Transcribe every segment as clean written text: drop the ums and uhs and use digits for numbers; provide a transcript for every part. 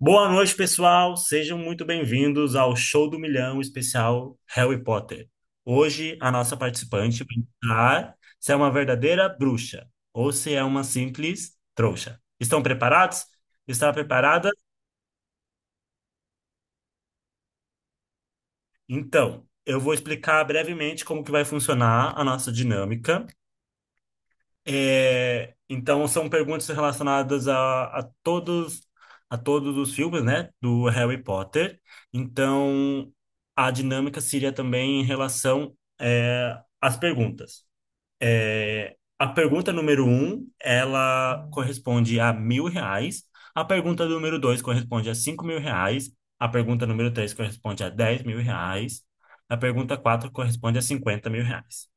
Boa noite, pessoal. Sejam muito bem-vindos ao Show do Milhão especial Harry Potter. Hoje, a nossa participante vai entrar se é uma verdadeira bruxa ou se é uma simples trouxa. Estão preparados? Está preparada? Então, eu vou explicar brevemente como que vai funcionar a nossa dinâmica. Então são perguntas relacionadas a todos os filmes, né, do Harry Potter. Então, a dinâmica seria também em relação às perguntas. A pergunta número um, ela corresponde a R$ 1.000. A pergunta número dois corresponde a R$ 5.000. A pergunta número três corresponde a R$ 10.000. A pergunta quatro corresponde a R$ 50.000.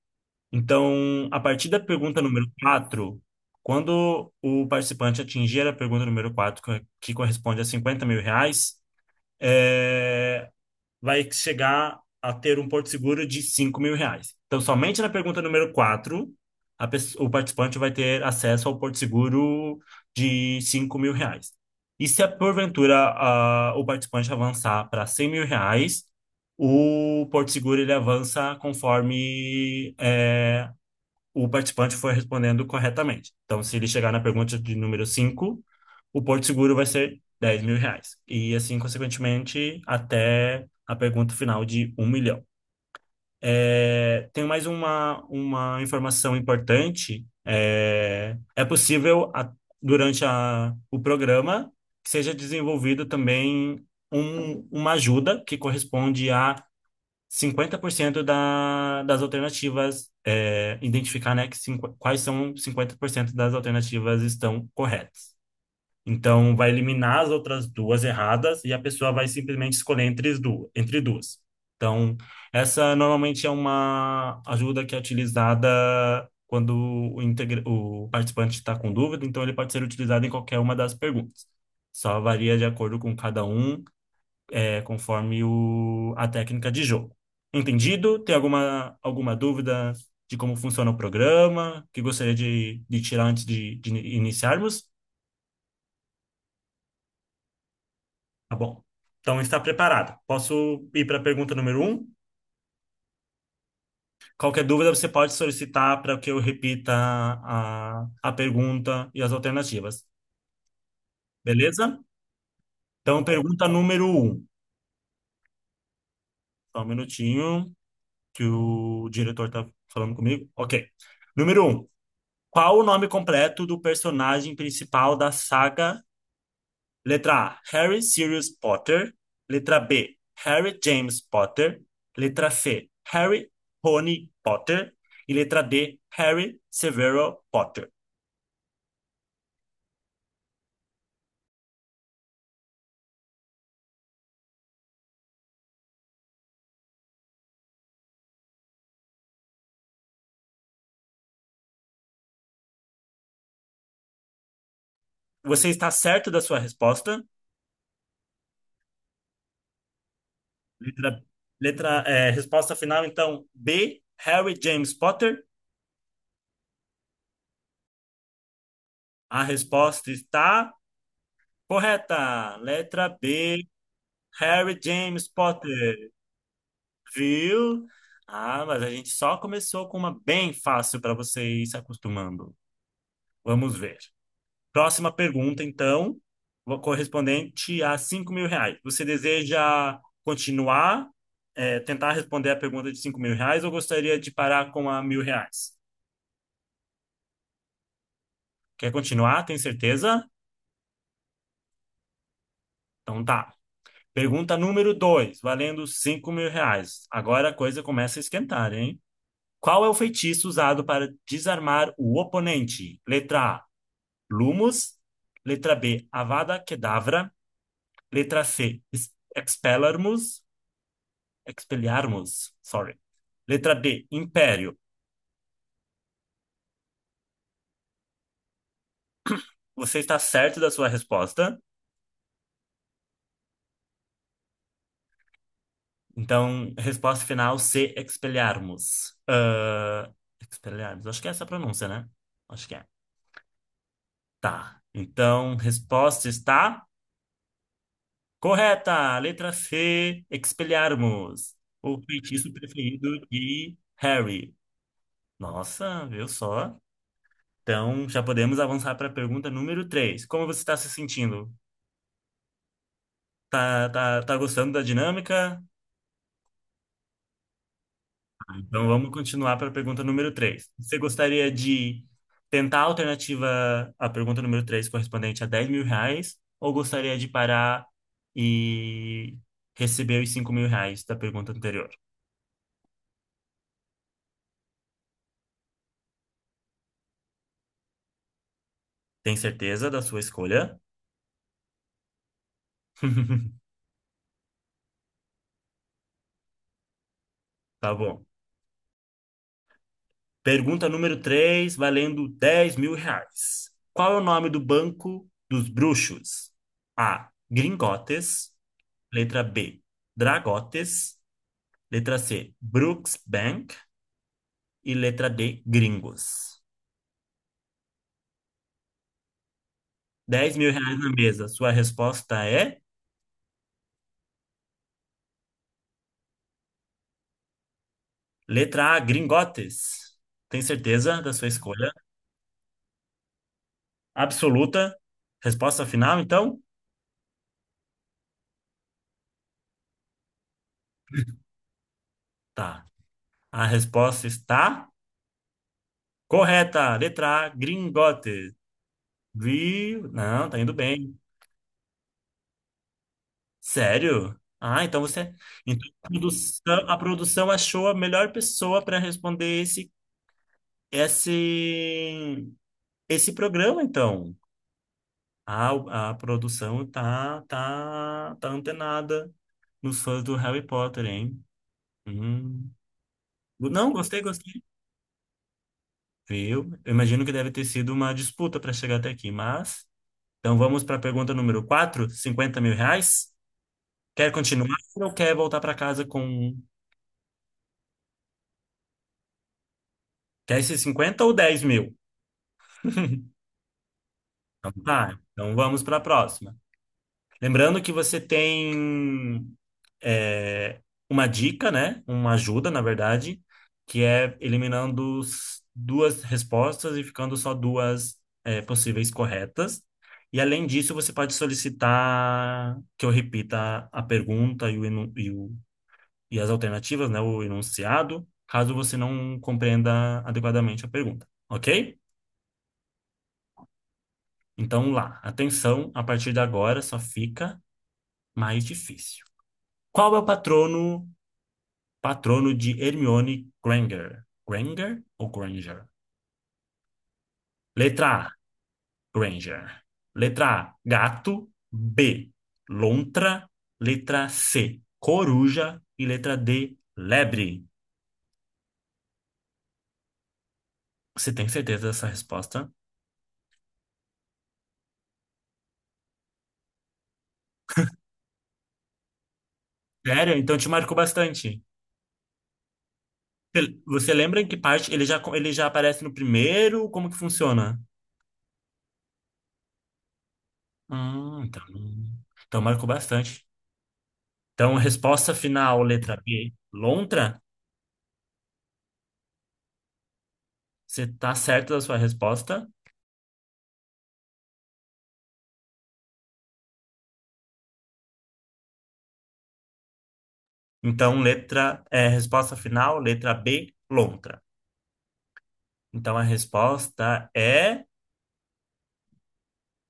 Então, a partir da pergunta número 4, quando o participante atingir a pergunta número 4, que corresponde a R$ 50.000, é, vai chegar a ter um porto seguro de R$ 5.000. Então, somente na pergunta número 4, o participante vai ter acesso ao porto seguro de R$ 5.000. E se, porventura, o participante avançar para R$ 100.000, o porto seguro ele avança conforme o participante for respondendo corretamente. Então, se ele chegar na pergunta de número 5, o Porto Seguro vai ser R$ 10.000. E assim, consequentemente, até a pergunta final de um milhão. Tem mais uma informação importante. É possível, durante o programa, que seja desenvolvido também uma ajuda que corresponde a 50% das alternativas, identificar, né, que quais são 50% das alternativas estão corretas. Então, vai eliminar as outras duas erradas e a pessoa vai simplesmente escolher entre as duas. Então, essa normalmente é uma ajuda que é utilizada quando o participante está com dúvida, então ele pode ser utilizado em qualquer uma das perguntas. Só varia de acordo com cada um conforme a técnica de jogo. Entendido? Tem alguma dúvida de como funciona o programa que gostaria de tirar antes de iniciarmos? Tá bom. Então está preparado. Posso ir para a pergunta número um? Qualquer dúvida você pode solicitar para que eu repita a pergunta e as alternativas. Beleza? Então, pergunta número um. Só um minutinho que o diretor está falando comigo. Ok. Número um. Qual o nome completo do personagem principal da saga? Letra A, Harry Sirius Potter. Letra B, Harry James Potter. Letra C, Harry Rony Potter. E letra D, Harry Severo Potter. Você está certo da sua resposta? Letra, letra, resposta final, então, B, Harry James Potter. A resposta está correta. Letra B, Harry James Potter. Viu? Ah, mas a gente só começou com uma bem fácil para você ir se acostumando. Vamos ver. Próxima pergunta, então, correspondente a R$ 5.000. Você deseja continuar, tentar responder a pergunta de R$ 5.000 ou gostaria de parar com a R$ 1.000? Quer continuar? Tem certeza? Então tá. Pergunta número dois, valendo R$ 5.000. Agora a coisa começa a esquentar, hein? Qual é o feitiço usado para desarmar o oponente? Letra A, Lumus. Letra B, Avada Kedavra. Letra C, Expelliarmus. Expelliarmus, sorry. Letra D, Império. Você está certo da sua resposta. Então, resposta final C, Expelliarmus. Ah, Expelliarmus, acho que é essa a pronúncia, né? Acho que é. Tá. Então, resposta está correta. Letra C, Expelliarmus. O feitiço preferido de Harry. Nossa, viu só? Então, já podemos avançar para a pergunta número 3. Como você está se sentindo? Tá, gostando da dinâmica? Ah, vamos continuar para a pergunta número 3. Você gostaria de tentar a alternativa à pergunta número 3 correspondente a R$ 10.000, ou gostaria de parar e receber os R$ 5.000 da pergunta anterior? Tem certeza da sua escolha? Tá bom. Pergunta número 3, valendo R$ 10.000. Qual é o nome do banco dos bruxos? A, Gringotes. Letra B, Dragotes. Letra C, Brooks Bank. E letra D, Gringos. R$ 10.000 na mesa. Sua resposta é letra A, Gringotes. Tem certeza da sua escolha? Absoluta. Resposta final, então? Tá. A resposta está correta. Letra A, Gringotes. Viu? Não, tá indo bem. Sério? Ah, então você. Então, a produção achou a melhor pessoa para responder esse, esse programa, então. A produção tá antenada nos fãs do Harry Potter, hein? Hum. Não, gostei, gostei. Viu? Eu imagino que deve ter sido uma disputa para chegar até aqui, mas. Então, vamos para a pergunta número 4, R$ 50.000? Quer continuar ou quer voltar para casa com Quer esses 50 ou 10 mil? Então tá, então vamos para a próxima. Lembrando que você tem é, uma dica, né? Uma ajuda, na verdade, que é eliminando duas respostas e ficando só duas possíveis corretas. E além disso, você pode solicitar que eu repita a pergunta e as alternativas, né? O enunciado, caso você não compreenda adequadamente a pergunta, ok? Então lá, atenção, a partir de agora só fica mais difícil. Qual é o patrono de Hermione Granger? Granger ou Granger? Letra A, Granger. Letra A, gato. B, lontra. Letra C, coruja. E letra D, lebre. Você tem certeza dessa resposta? Sério? Então te marcou bastante. Você lembra em que parte ele já aparece no primeiro? Como que funciona? Hum, então, então marcou bastante. Então, resposta final, letra B, lontra. Você tá certo da sua resposta? Então, letra, resposta final, letra B, lontra. Então, a resposta é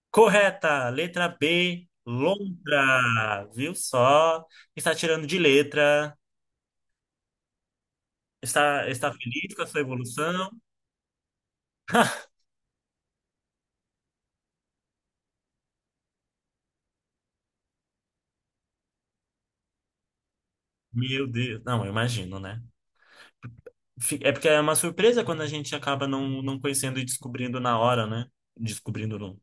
correta, letra B, lontra. Viu só? Está tirando de letra. Está, está feliz com a sua evolução? Meu Deus, não, eu imagino, né? fi- É porque é uma surpresa quando a gente acaba não conhecendo e descobrindo na hora, né? Descobrindo não.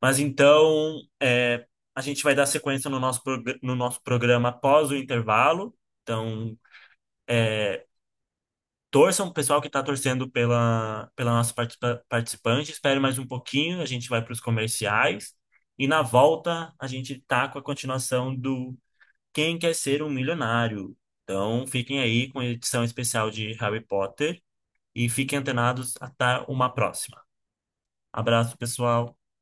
Mas então, a gente vai dar sequência no nosso, prog- no nosso programa após o intervalo. Então, é, torçam, o pessoal que está torcendo pela nossa participante. Espere mais um pouquinho, a gente vai para os comerciais. E na volta, a gente tá com a continuação do Quem Quer Ser um Milionário. Então, fiquem aí com a edição especial de Harry Potter. E fiquem antenados até uma próxima. Abraço, pessoal.